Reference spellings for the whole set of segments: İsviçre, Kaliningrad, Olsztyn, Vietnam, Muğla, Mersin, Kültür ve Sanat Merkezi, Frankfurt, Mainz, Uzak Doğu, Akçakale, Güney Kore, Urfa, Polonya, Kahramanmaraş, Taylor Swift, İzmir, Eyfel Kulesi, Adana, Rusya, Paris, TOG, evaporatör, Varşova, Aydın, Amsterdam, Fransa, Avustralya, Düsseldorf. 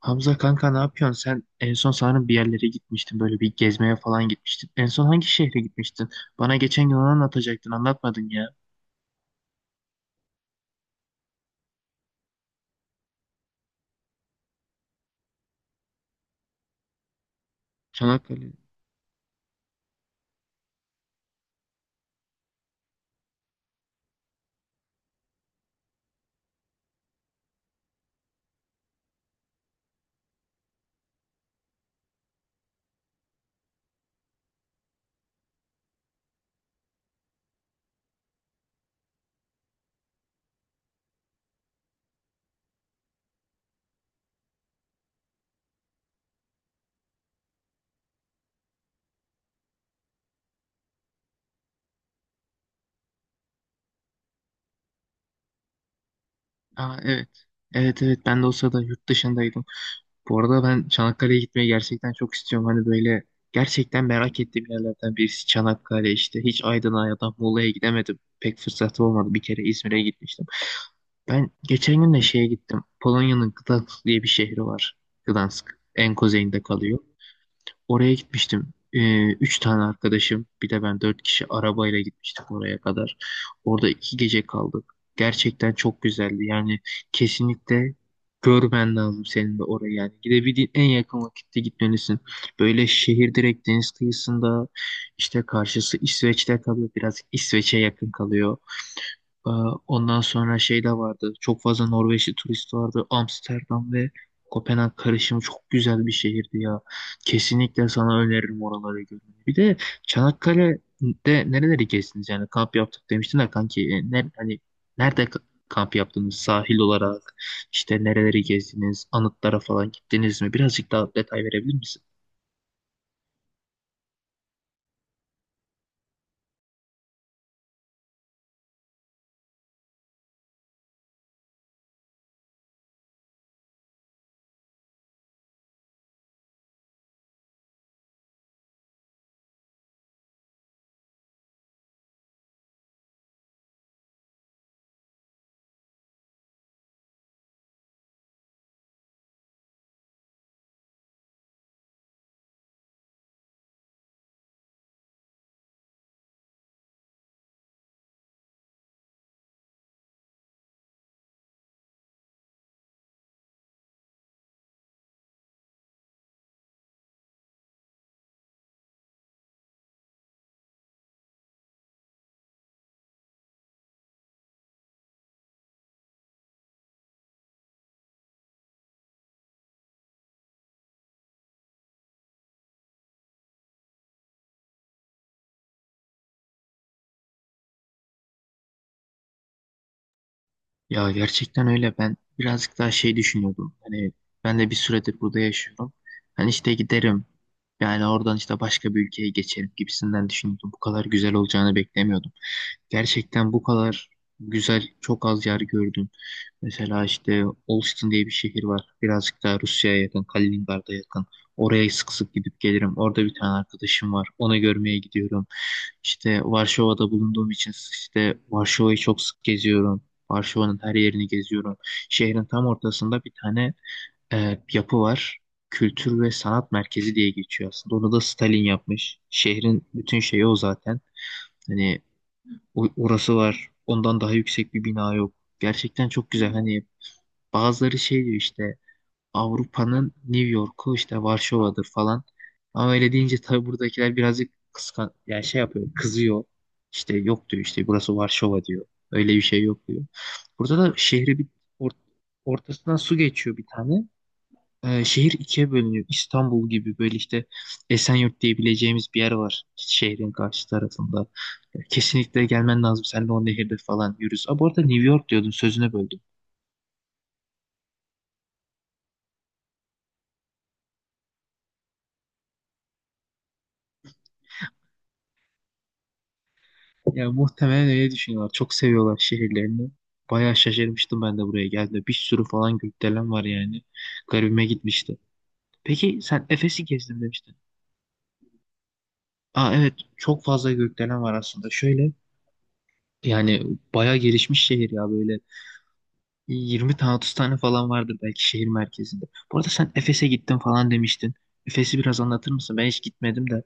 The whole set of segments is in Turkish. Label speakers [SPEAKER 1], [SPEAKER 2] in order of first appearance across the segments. [SPEAKER 1] Hamza kanka ne yapıyorsun? Sen en son sanırım bir yerlere gitmiştin. Böyle bir gezmeye falan gitmiştin. En son hangi şehre gitmiştin? Bana geçen gün onu anlatacaktın. Anlatmadın ya. Çanakkale. Aa, evet. Evet, evet, ben de o sırada yurt dışındaydım. Bu arada ben Çanakkale'ye gitmeyi gerçekten çok istiyorum. Hani böyle gerçekten merak ettiğim yerlerden birisi Çanakkale işte. Hiç Aydın'a ya da Muğla'ya gidemedim. Pek fırsatım olmadı. Bir kere İzmir'e gitmiştim. Ben geçen gün de şeye gittim. Polonya'nın Gdansk diye bir şehri var. Gdansk. En kuzeyinde kalıyor. Oraya gitmiştim. Üç tane arkadaşım, bir de ben dört kişi arabayla gitmiştik oraya kadar. Orada iki gece kaldık. Gerçekten çok güzeldi. Yani kesinlikle görmen lazım senin de oraya. Yani gidebildiğin en yakın vakitte gitmelisin. Böyle şehir direkt deniz kıyısında, işte karşısı İsveç'te kalıyor. Biraz İsveç'e yakın kalıyor. Ee, Ondan sonra şey de vardı. Çok fazla Norveçli turist vardı. Amsterdam ve Kopenhag karışımı çok güzel bir şehirdi ya. Kesinlikle sana öneririm oraları görmeni. Bir de Çanakkale'de nereleri gezdiniz? Yani kamp yaptık demiştin de kanki. Ne, hani nerede kamp yaptınız? Sahil olarak işte nereleri gezdiniz? Anıtlara falan gittiniz mi? Birazcık daha detay verebilir misin? Ya gerçekten öyle. Ben birazcık daha şey düşünüyordum. Hani ben de bir süredir burada yaşıyorum. Hani işte giderim. Yani oradan işte başka bir ülkeye geçerim gibisinden düşünüyordum. Bu kadar güzel olacağını beklemiyordum. Gerçekten bu kadar güzel çok az yer gördüm. Mesela işte Olsztyn diye bir şehir var. Birazcık daha Rusya'ya yakın, Kaliningrad'a yakın. Oraya sık sık gidip gelirim. Orada bir tane arkadaşım var. Onu görmeye gidiyorum. İşte Varşova'da bulunduğum için işte Varşova'yı çok sık geziyorum. Varşova'nın her yerini geziyorum. Şehrin tam ortasında bir tane yapı var. Kültür ve Sanat Merkezi diye geçiyor aslında. Onu da Stalin yapmış. Şehrin bütün şeyi o zaten. Hani orası var. Ondan daha yüksek bir bina yok. Gerçekten çok güzel. Hani bazıları şey diyor, işte Avrupa'nın New York'u işte Varşova'dır falan. Ama öyle deyince tabii buradakiler birazcık kıskan, yani şey yapıyor, kızıyor. İşte yok diyor, işte burası Varşova diyor. Öyle bir şey yok diyor. Burada da şehri bir or- ortasından su geçiyor bir tane. Şehir ikiye bölünüyor. İstanbul gibi böyle işte Esenyurt diyebileceğimiz bir yer var şehrin karşı tarafında. Kesinlikle gelmen lazım. Sen de o nehirde falan yürüz. Aa, bu arada New York diyordun, sözüne böldüm. Ya muhtemelen öyle düşünüyorlar. Çok seviyorlar şehirlerini. Bayağı şaşırmıştım ben de buraya geldiğimde. Bir sürü falan gökdelen var yani. Garibime gitmişti. Peki sen Efes'i gezdin demiştin. Aa, evet, çok fazla gökdelen var aslında. Şöyle, yani bayağı gelişmiş şehir ya, böyle 20 tane 30 tane falan vardır belki şehir merkezinde. Bu arada sen Efes'e gittin falan demiştin. Efes'i biraz anlatır mısın? Ben hiç gitmedim de.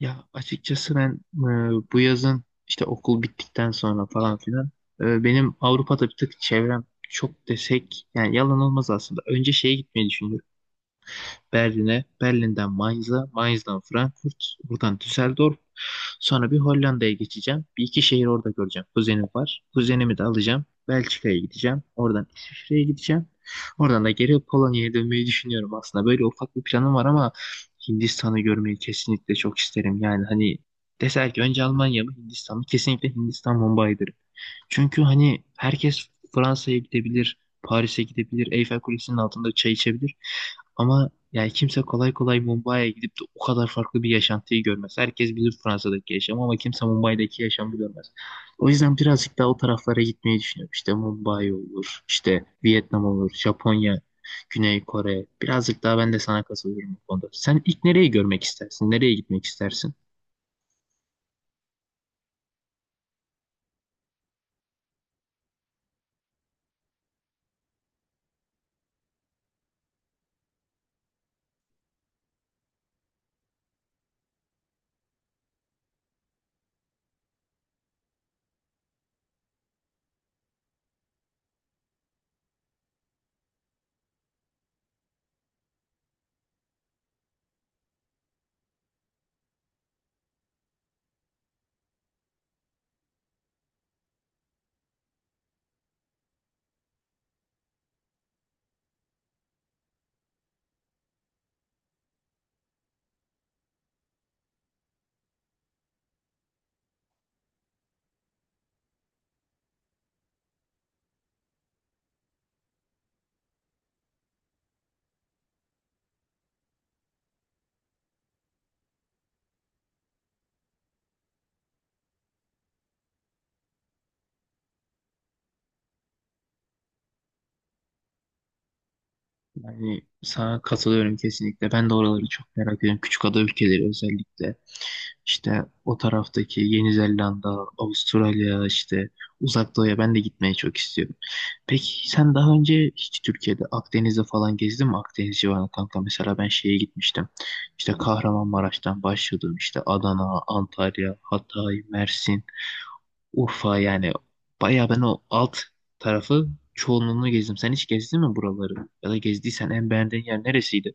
[SPEAKER 1] Ya açıkçası ben bu yazın işte okul bittikten sonra falan filan benim Avrupa'da bir tık çevrem çok desek yani yalan olmaz aslında. Önce şeye gitmeyi düşünüyorum. Berlin'e, Berlin'den Mainz'a, Mainz'dan Frankfurt, buradan Düsseldorf. Sonra bir Hollanda'ya geçeceğim. Bir iki şehir orada göreceğim. Kuzenim var. Kuzenimi de alacağım. Belçika'ya gideceğim. Oradan İsviçre'ye gideceğim. Oradan da geri Polonya'ya dönmeyi düşünüyorum aslında. Böyle ufak bir planım var ama Hindistan'ı görmeyi kesinlikle çok isterim. Yani hani deser ki önce Almanya mı Hindistan mı? Kesinlikle Hindistan Mumbai'dir. Çünkü hani herkes Fransa'ya gidebilir, Paris'e gidebilir, Eyfel Kulesi'nin altında çay içebilir. Ama yani kimse kolay kolay Mumbai'ye gidip de o kadar farklı bir yaşantıyı görmez. Herkes bilir Fransa'daki yaşamı ama kimse Mumbai'deki yaşamı görmez. O yüzden birazcık daha o taraflara gitmeyi düşünüyorum. İşte Mumbai olur, işte Vietnam olur, Japonya, Güney Kore. Birazcık daha ben de sana katılıyorum bu konuda. Sen ilk nereyi görmek istersin? Nereye gitmek istersin? Yani sana katılıyorum kesinlikle. Ben de oraları çok merak ediyorum. Küçükada ülkeleri özellikle. İşte o taraftaki Yeni Zelanda, Avustralya, işte Uzak Doğu'ya ben de gitmeye çok istiyorum. Peki sen daha önce hiç Türkiye'de Akdeniz'de falan gezdin mi? Akdeniz civarına kanka. Mesela ben şeye gitmiştim. İşte Kahramanmaraş'tan başladım. İşte Adana, Antalya, Hatay, Mersin. Urfa, yani bayağı ben o alt tarafı çoğunluğunu gezdim. Sen hiç gezdin mi buraları? Ya da gezdiysen en beğendiğin yer neresiydi?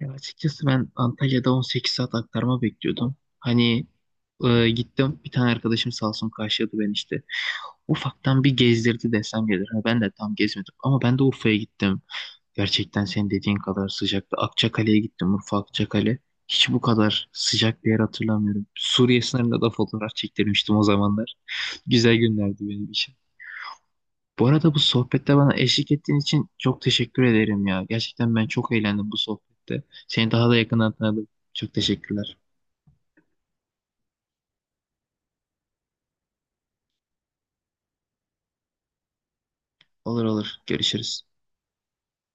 [SPEAKER 1] Ya açıkçası ben Antalya'da 18 saat aktarma bekliyordum. Hani gittim, bir tane arkadaşım sağ olsun karşıladı beni işte. Ufaktan bir gezdirdi desem gelir. Ha, ben de tam gezmedim ama ben de Urfa'ya gittim. Gerçekten senin dediğin kadar sıcaktı. Akçakale'ye gittim. Urfa Akçakale. Hiç bu kadar sıcak bir yer hatırlamıyorum. Suriye sınırında da fotoğraf çektirmiştim o zamanlar. Güzel günlerdi benim için. Bu arada bu sohbette bana eşlik ettiğin için çok teşekkür ederim ya. Gerçekten ben çok eğlendim bu sohbette. Seni daha da yakından tanıdım. Çok teşekkürler. Olur, olur. Görüşürüz.